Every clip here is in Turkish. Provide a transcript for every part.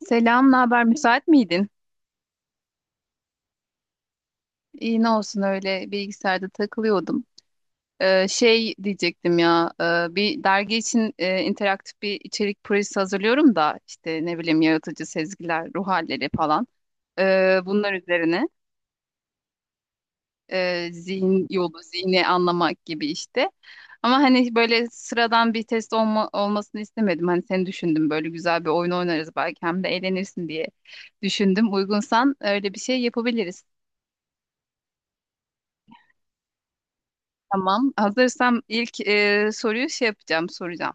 Selam, ne haber? Müsait miydin? İyi ne olsun öyle bilgisayarda takılıyordum. Şey diyecektim ya, bir dergi için interaktif bir içerik projesi hazırlıyorum da işte ne bileyim yaratıcı sezgiler, ruh halleri falan. Bunlar üzerine zihin yolu, zihni anlamak gibi işte. Ama hani böyle sıradan bir test olmasını istemedim. Hani seni düşündüm böyle güzel bir oyun oynarız belki hem de eğlenirsin diye düşündüm. Uygunsan öyle bir şey yapabiliriz. Tamam. Hazırsam ilk soruyu soracağım.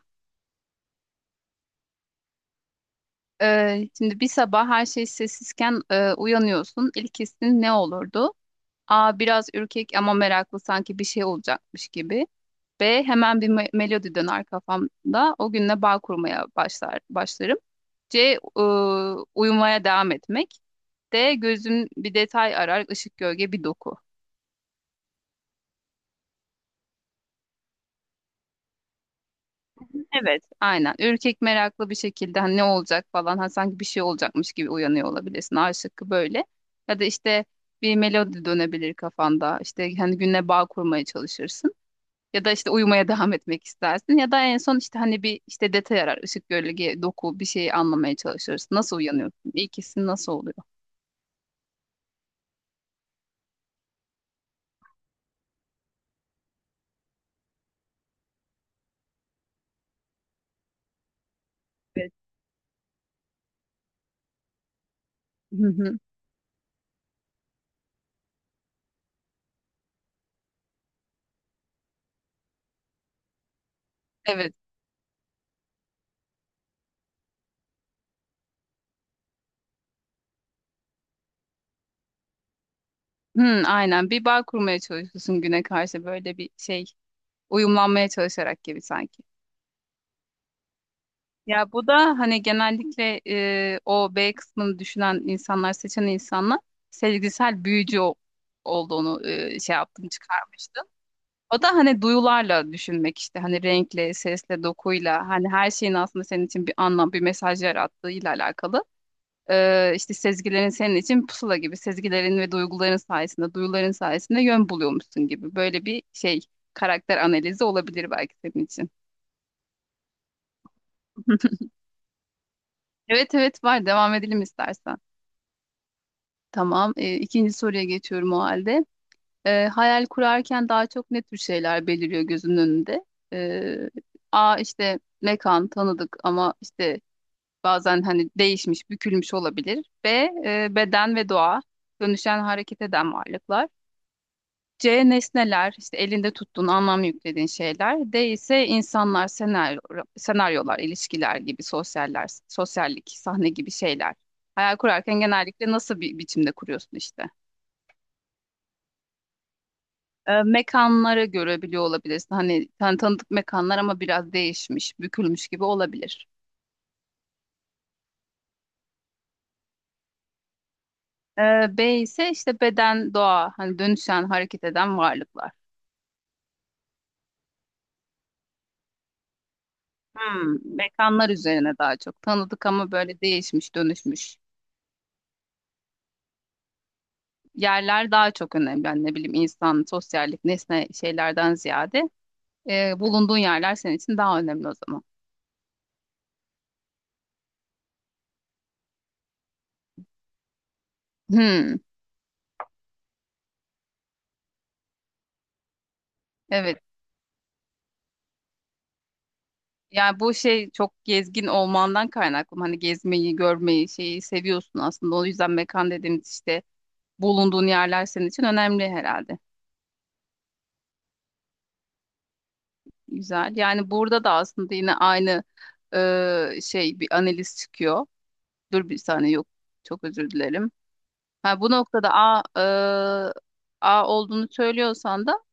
Şimdi bir sabah her şey sessizken uyanıyorsun. İlk hissin ne olurdu? A. Biraz ürkek ama meraklı sanki bir şey olacakmış gibi. B. Hemen bir melodi döner kafamda. O günle bağ kurmaya başlar başlarım. C. e, uyumaya devam etmek. D. Gözüm bir detay arar, ışık, gölge, bir doku. Evet, aynen. Ürkek meraklı bir şekilde hani ne olacak falan ha sanki bir şey olacakmış gibi uyanıyor olabilirsin. A şıkkı böyle. Ya da işte bir melodi dönebilir kafanda. İşte hani günle bağ kurmaya çalışırsın. Ya da işte uyumaya devam etmek istersin. Ya da en son işte hani bir işte detay arar. Işık, gölge, doku bir şeyi anlamaya çalışırsın. Nasıl uyanıyorsun? İkisi nasıl oluyor? Evet. Hı hı. Evet. Hı, aynen. Bir bağ kurmaya çalışıyorsun güne karşı böyle bir şey uyumlanmaya çalışarak gibi sanki. Ya bu da hani genellikle o B kısmını düşünen insanlar, seçen insanlar sezgisel büyücü olduğunu şey yaptım çıkarmıştım. O da hani duyularla düşünmek işte hani renkle, sesle, dokuyla hani her şeyin aslında senin için bir anlam, bir mesaj yarattığıyla alakalı. İşte sezgilerin senin için pusula gibi sezgilerin ve duyguların sayesinde, duyuların sayesinde yön buluyormuşsun gibi böyle bir şey karakter analizi olabilir belki senin için. Evet evet var, devam edelim istersen. Tamam. İkinci soruya geçiyorum o halde. Hayal kurarken daha çok ne tür şeyler beliriyor gözünün önünde? E, A işte mekan tanıdık ama işte bazen hani değişmiş, bükülmüş olabilir. B beden ve doğa, dönüşen hareket eden varlıklar. C nesneler, işte elinde tuttuğun anlam yüklediğin şeyler. D ise insanlar, senaryolar, ilişkiler gibi sosyaller, sosyallik, sahne gibi şeyler. Hayal kurarken genellikle nasıl bir biçimde kuruyorsun işte? Mekanlara göre biliyor olabilirsin. Hani tanıdık mekanlar ama biraz değişmiş, bükülmüş gibi olabilir. B ise işte beden, doğa, hani dönüşen, hareket eden varlıklar. Hmm, mekanlar üzerine daha çok. Tanıdık ama böyle değişmiş, dönüşmüş. Yerler daha çok önemli. Yani ne bileyim insan, sosyallik, nesne şeylerden ziyade bulunduğun yerler senin için daha önemli o zaman. Hmm, evet. Yani bu şey çok gezgin olmandan kaynaklı. Hani gezmeyi, görmeyi, şeyi seviyorsun aslında. O yüzden mekan dediğimiz işte bulunduğun yerler senin için önemli herhalde. Güzel. Yani burada da aslında yine aynı şey bir analiz çıkıyor. Dur bir saniye yok. Çok özür dilerim. Ha, bu noktada A, A olduğunu söylüyorsan da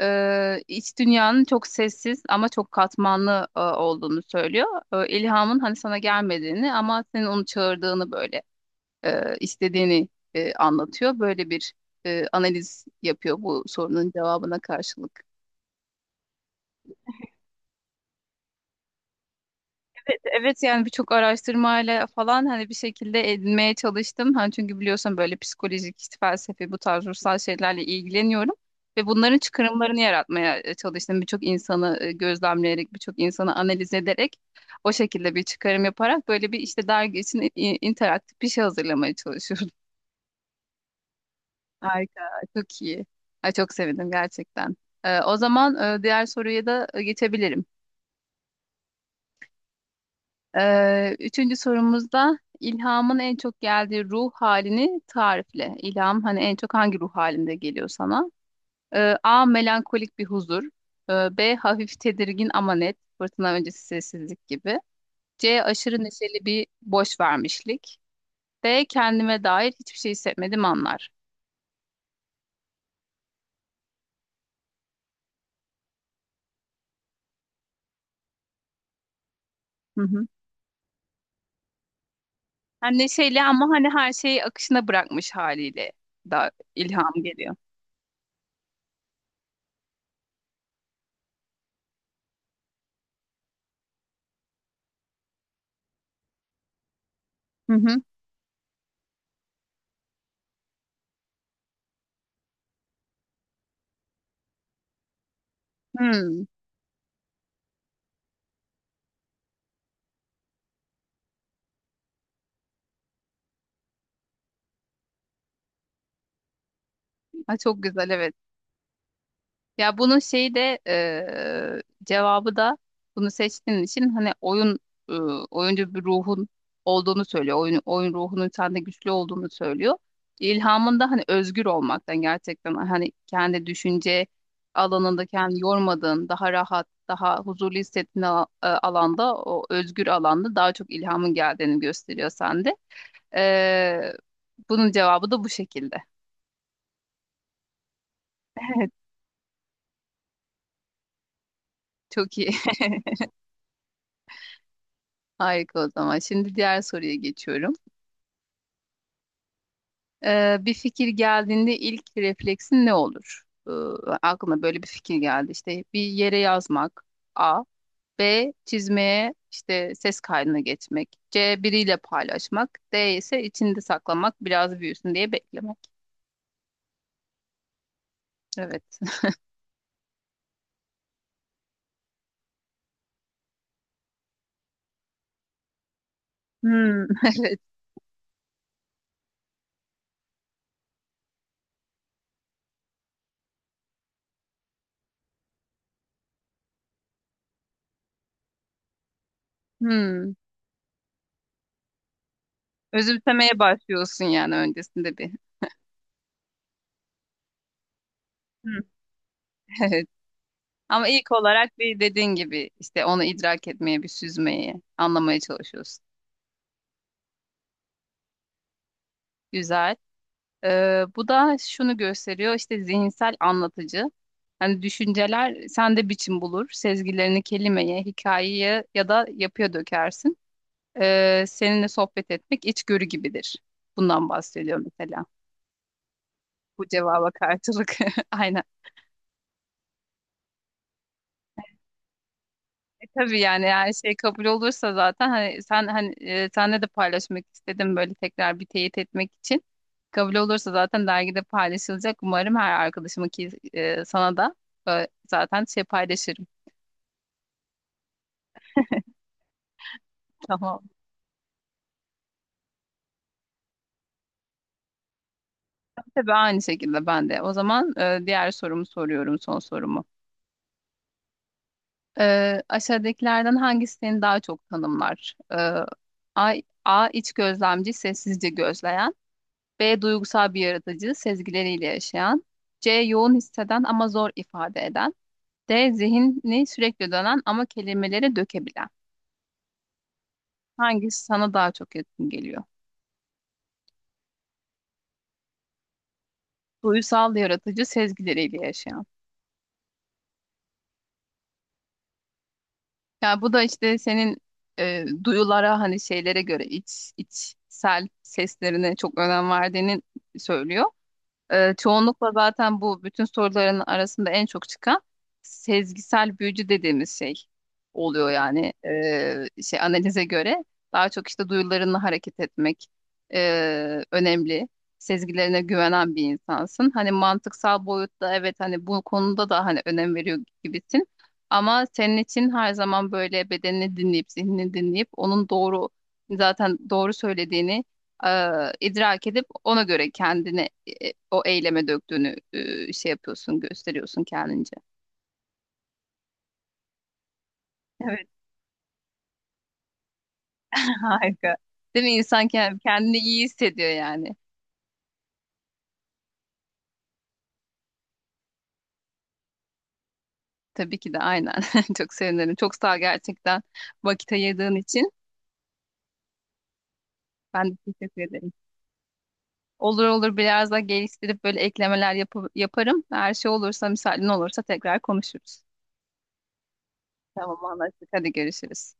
iç dünyanın çok sessiz ama çok katmanlı olduğunu söylüyor. E, ilhamın hani sana gelmediğini ama senin onu çağırdığını böyle istediğini anlatıyor. Böyle bir analiz yapıyor bu sorunun cevabına karşılık. Evet yani birçok araştırmayla falan hani bir şekilde edinmeye çalıştım. Hani çünkü biliyorsun böyle psikolojik, işte felsefi bu tarz ruhsal şeylerle ilgileniyorum. Ve bunların çıkarımlarını yaratmaya çalıştım. Birçok insanı gözlemleyerek, birçok insanı analiz ederek o şekilde bir çıkarım yaparak böyle bir işte dergi için interaktif bir şey hazırlamaya çalışıyorum. Harika, çok iyi. Ay, çok sevindim gerçekten. O zaman diğer soruya da geçebilirim. Üçüncü sorumuzda ilhamın en çok geldiği ruh halini tarifle. İlham hani en çok hangi ruh halinde geliyor sana? A. Melankolik bir huzur. B. Hafif tedirgin ama net. Fırtına öncesi sessizlik gibi. C. Aşırı neşeli bir boş vermişlik. D. Kendime dair hiçbir şey hissetmediğim anlar. Hı hı. Hem neşeyle ama hani her şeyi akışına bırakmış haliyle da ilham geliyor. Hı hı. Hmm. Ha, çok güzel evet. Ya bunun şeyi de cevabı da bunu seçtiğin için hani eee, oyuncu bir ruhun olduğunu söylüyor. Oyun ruhunun sende güçlü olduğunu söylüyor. İlhamın da hani özgür olmaktan gerçekten hani kendi düşünce alanında kendini yormadığın, daha rahat, daha huzurlu hissettiğin alanda, o özgür alanda daha çok ilhamın geldiğini gösteriyor sende. Eee, bunun cevabı da bu şekilde. Evet, çok iyi. Harika o zaman. Şimdi diğer soruya geçiyorum. Bir fikir geldiğinde ilk refleksin ne olur? Aklına böyle bir fikir geldi. İşte bir yere yazmak. A. B. Çizmeye işte ses kaydına geçmek. C. Biriyle paylaşmak. D ise içinde saklamak, biraz büyüsün diye beklemek. Evet. Hmm, hmm. Özümsemeye başlıyorsun yani öncesinde bir. Hmm, evet. Ama ilk olarak bir dediğin gibi işte onu idrak etmeye, bir süzmeye, anlamaya çalışıyorsun. Güzel. Bu da şunu gösteriyor işte zihinsel anlatıcı. Hani düşünceler sende biçim bulur. Sezgilerini kelimeye, hikayeye ya da yapıya dökersin. Seninle sohbet etmek içgörü gibidir. Bundan bahsediyor mesela. Bu cevaba karşılık. Aynen. E, tabii yani her şey kabul olursa zaten hani sen hani senle de paylaşmak istedim böyle tekrar bir teyit etmek için. Kabul olursa zaten dergide paylaşılacak. Umarım her arkadaşıma ki sana da zaten şey paylaşırım. Tamam. Tabii aynı şekilde ben de. O zaman diğer sorumu soruyorum, son sorumu. Aşağıdakilerden hangisi seni daha çok tanımlar? A, A iç gözlemci, sessizce gözleyen. B. Duygusal bir yaratıcı, sezgileriyle yaşayan. C. Yoğun hisseden ama zor ifade eden. D. Zihni sürekli dönen ama kelimelere dökebilen. Hangisi sana daha çok yakın geliyor? Duygusal yaratıcı, sezgileriyle yaşayan. Yani bu da işte senin duyulara hani şeylere göre içsel seslerine çok önem verdiğini söylüyor. Çoğunlukla zaten bu bütün soruların arasında en çok çıkan sezgisel büyücü dediğimiz şey oluyor yani. Şey analize göre daha çok işte duyularınla hareket etmek önemli. Sezgilerine güvenen bir insansın. Hani mantıksal boyutta evet hani bu konuda da hani önem veriyor gibisin. Ama senin için her zaman böyle bedenini dinleyip zihnini dinleyip onun doğru zaten doğru söylediğini e, idrak edip ona göre kendini o eyleme döktüğünü şey yapıyorsun, gösteriyorsun kendince. Evet, harika. Değil mi? İnsan kendini iyi hissediyor yani. Tabii ki de aynen. Çok sevinirim. Çok sağ ol gerçekten vakit ayırdığın için. Ben de teşekkür ederim. Olur olur biraz daha geliştirip böyle eklemeler yaparım. Her şey olursa, müsaaden olursa tekrar konuşuruz. Tamam anlaştık. Hadi görüşürüz.